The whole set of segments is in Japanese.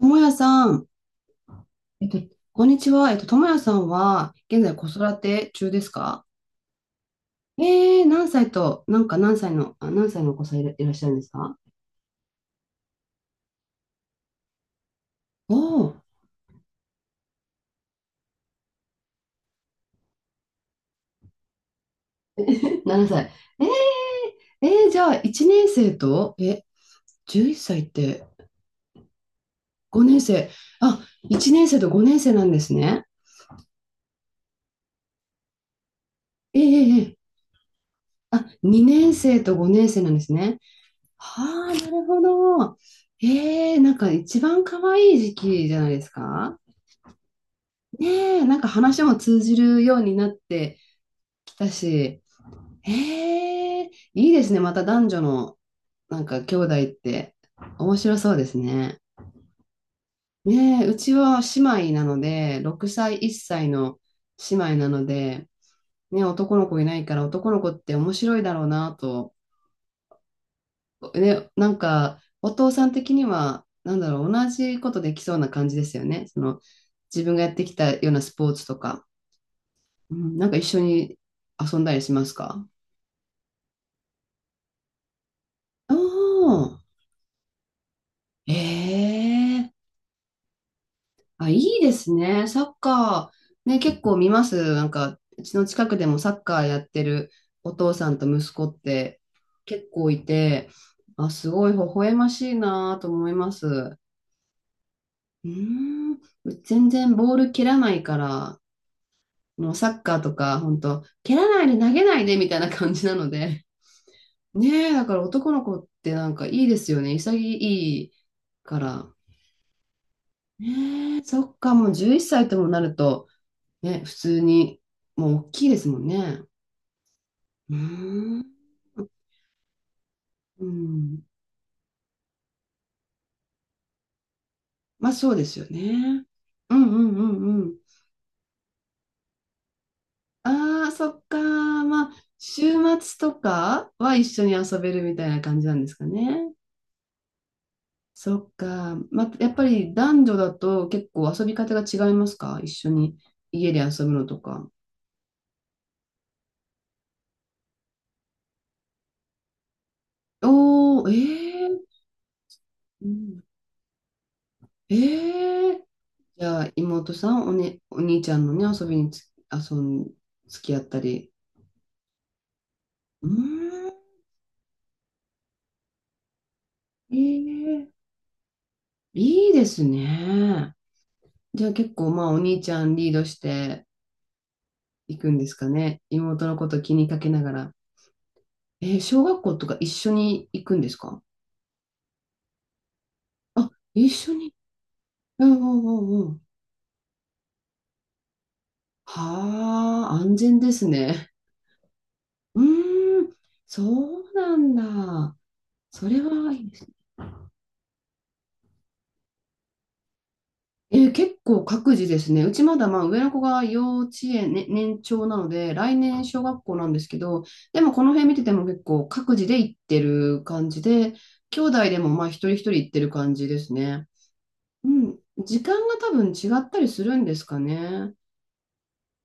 ともやさん、えっと、こんにちは。ともやさんは、現在子育て中ですか？何歳と、なんか何歳の、あ、何歳のお子さんいらっしゃるんですか？おおー、7歳。じゃあ、1年生と、11歳っさいって5年生。あ、1年生と5年生なんですね。えー、えーえーあ、2年生と5年生なんですね。はあ、なるほど。なんか一番可愛い時期じゃないですか？ねえ、なんか話も通じるようになってきたし、へえ、いいですね。また男女のなんか兄弟って面白そうですね。ねえ、うちは姉妹なので、6歳、1歳の姉妹なので、ね、男の子いないから男の子って面白いだろうなと、ね、なんかお父さん的には、なんだろう、同じことできそうな感じですよね。その自分がやってきたようなスポーツとか、うん、なんか一緒に遊んだりしますか？ああ、ええ、あ、いいですね。サッカー、ね、結構見ます。なんか、うちの近くでもサッカーやってるお父さんと息子って結構いて、あ、すごい微笑ましいなと思います。うーん、全然ボール蹴らないから、もうサッカーとか、本当蹴らないで投げないでみたいな感じなので。ねえ、だから男の子ってなんかいいですよね。潔いから。ねえ、そっか、もう11歳ともなると、ね、普通に、もう大きいですもんね。うーん。うん。まあそうですよね。うんうんうんうん。ああ、そっか。まあ、週末とかは一緒に遊べるみたいな感じなんですかね。そっか。まあ、やっぱり男女だと結構遊び方が違いますか？一緒に家で遊ぶのとか。おー、うん、えーじゃあ、妹さん、お兄ちゃんのね、遊びにつ、遊ん、付き合ったり。うーん、ええ、いいですね。じゃあ結構、まあ、お兄ちゃんリードしていくんですかね。妹のこと気にかけながら。小学校とか一緒に行くんですか？あ、一緒に。うんうんうんうん。はあ、安全ですね。うーん、そうなんだ。それは、結構各自ですね。うちまだまあ上の子が幼稚園、ね、年長なので、来年小学校なんですけど、でもこの辺見てても結構各自で行ってる感じで、兄弟でもまあ一人一人行ってる感じですね。うん。時間が多分違ったりするんですかね。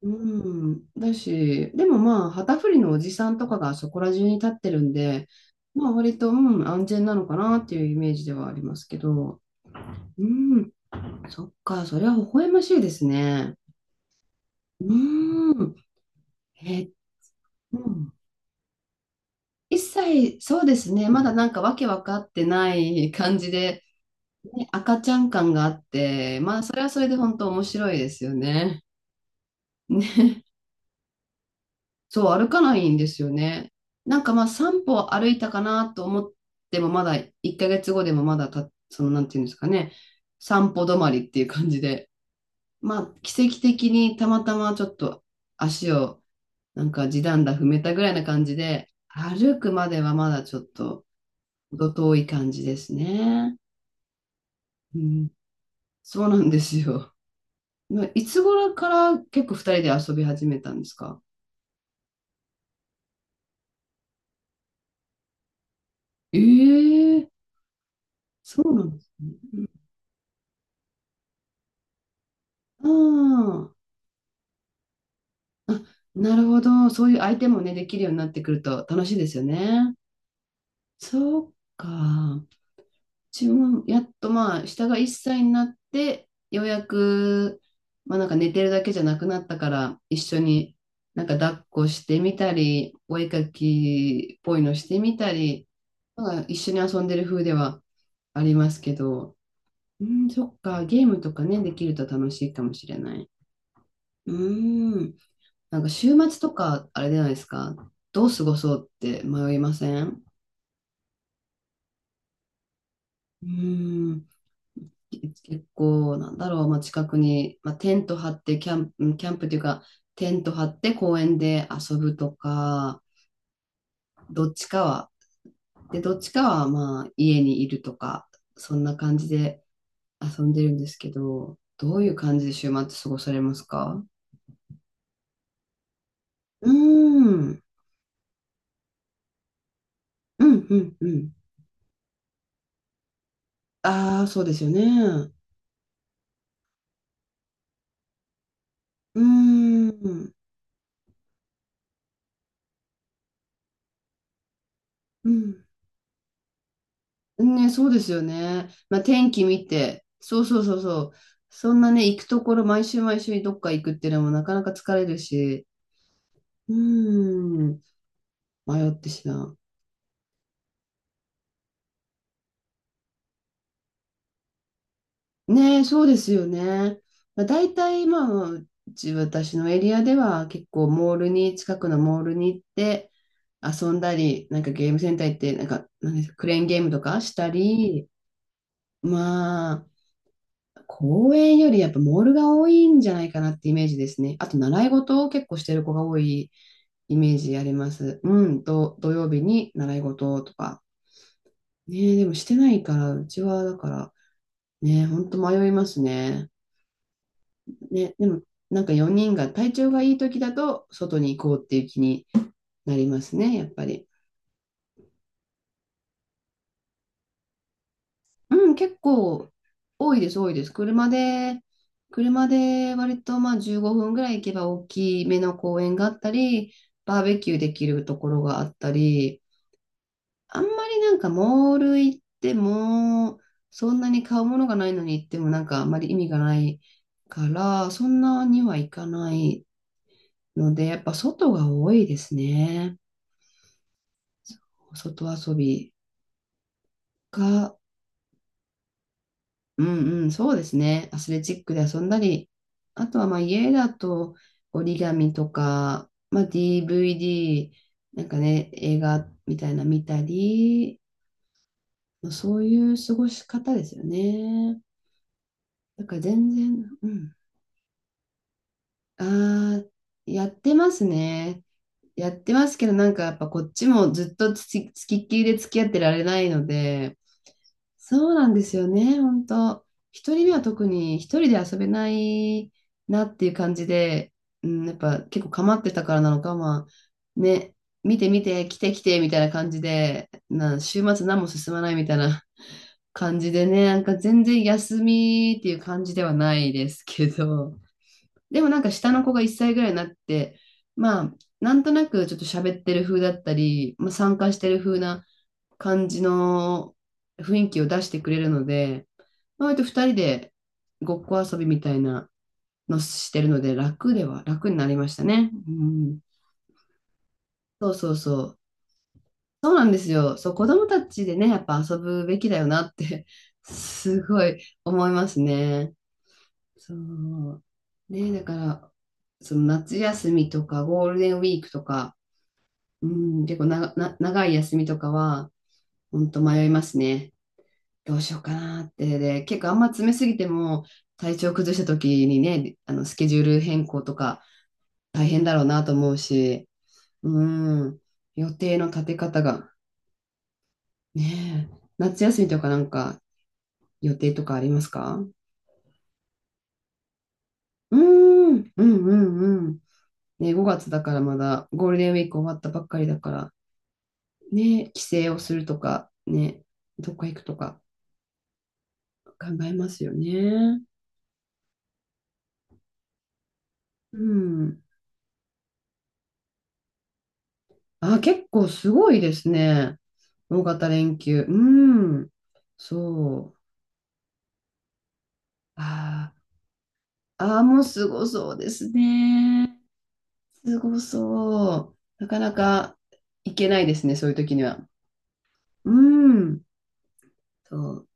うん。だし、でもまあ旗振りのおじさんとかがそこら中に立ってるんで、まあ割と、うん、安全なのかなっていうイメージではありますけど。うん。そっか、それは微笑ましいですね。うーん。え、うん。一切、そうですね。まだなんかわけわかってない感じで、ね、赤ちゃん感があって、まあ、それはそれで本当面白いですよね。ね。そう、歩かないんですよね。なんかまあ、3歩歩いたかなと思っても、まだ1ヶ月後でもまだた、その、なんていうんですかね。散歩止まりっていう感じで。まあ、奇跡的にたまたまちょっと足をなんか地団駄踏めたぐらいな感じで、歩くまではまだちょっと程遠い感じですね。うん、そうなんですよ。いつ頃から結構二人で遊び始めたんですか？ええ、そうなんですね。ああ、あ、なるほど。そういう相手もね、できるようになってくると楽しいですよね。そうか。自分もやっとまあ、下が1歳になって、ようやく、まあなんか寝てるだけじゃなくなったから、一緒になんか抱っこしてみたり、お絵描きっぽいのしてみたり、なんか一緒に遊んでる風ではありますけど、うん、そっか、ゲームとかね、できると楽しいかもしれない。うん、なんか週末とか、あれじゃないですか、どう過ごそうって迷いません？うん、結構、なんだろう、まあ、近くに、まあ、テント張って、キャンプ、キャンプというか、テント張って公園で遊ぶとか、どっちかは、で、どっちかは、まあ、家にいるとか、そんな感じで遊んでるんですけど、どういう感じで週末過ごされますか？うーん、うん、うん、うん。ああ、そうですよね。うーん、うん、ね、そうですよね。まあ、天気見て、そうそうそうそう。そんなね、行くところ、毎週毎週どっか行くっていうのもなかなか疲れるし、うーん、迷ってしまう。ね、そうですよね。まあ、大体、まあ、うち、私のエリアでは結構モールに、近くのモールに行って遊んだり、なんかゲームセンター行って、なんか、なんですかクレーンゲームとかしたり、ま公園よりやっぱモールが多いんじゃないかなってイメージですね。あと習い事を結構してる子が多いイメージあります。うん、と土曜日に習い事とか。ねえ、でもしてないから、うちはだから、ねえ、ほんと迷いますね。ね、でもなんか4人が体調がいい時だと外に行こうっていう気になりますね、やっぱり。うん、結構多いです、多いです。車で割とまあ15分ぐらい行けば大きめの公園があったり、バーベキューできるところがあったり、あんまりなんかモール行っても、そんなに買うものがないのに行ってもなんかあんまり意味がないから、そんなにはいかないので、やっぱ外が多いですね。外遊びが、うんうん、そうですね。アスレチックで遊んだり、あとはまあ家だと折り紙とか、まあ、DVD、なんかね、映画みたいな見たり、まあそういう過ごし方ですよね。だから全然、うん。ああ、やってますね。やってますけど、なんかやっぱこっちもずっとつきっきりで付き合ってられないので、そうなんですよね、本当。一人目は特に一人で遊べないなっていう感じで、うん、やっぱ結構構ってたからなのか、まあ、ね、見て見て、来て来てみたいな感じで、な、週末何も進まないみたいな 感じでね、なんか全然休みっていう感じではないですけど、でもなんか下の子が1歳ぐらいになって、まあ、なんとなくちょっと喋ってる風だったり、まあ、参加してる風な感じの雰囲気を出してくれるので、まあ割と2人でごっこ遊びみたいなのしてるので、楽では、楽になりましたね。うん。そうそうそう。そうなんですよ。そう、子供たちでね、やっぱ遊ぶべきだよなってすごい思いますね。そう。ね、だから、その夏休みとかゴールデンウィークとか、うん、結構な、な、長い休みとかは、本当迷いますね。どうしようかなって、で、結構あんま詰めすぎても、体調崩した時にね、あの、スケジュール変更とか大変だろうなと思うし、うん、予定の立て方が、ねえ、夏休みとかなんか予定とかありますか？うーん、うん、うん、うん。ね、5月だからまだゴールデンウィーク終わったばっかりだから、ね、帰省をするとか、ね、どっか行くとか考えますよね。うん。あ、結構すごいですね。大型連休。うん。そう。あーあー、もうすごそうですね。すごそう。なかなか行けないですね、そういう時には。うん。そう。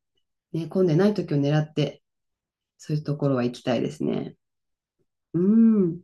ね、混んでない時を狙って、そういうところは行きたいですね。うん。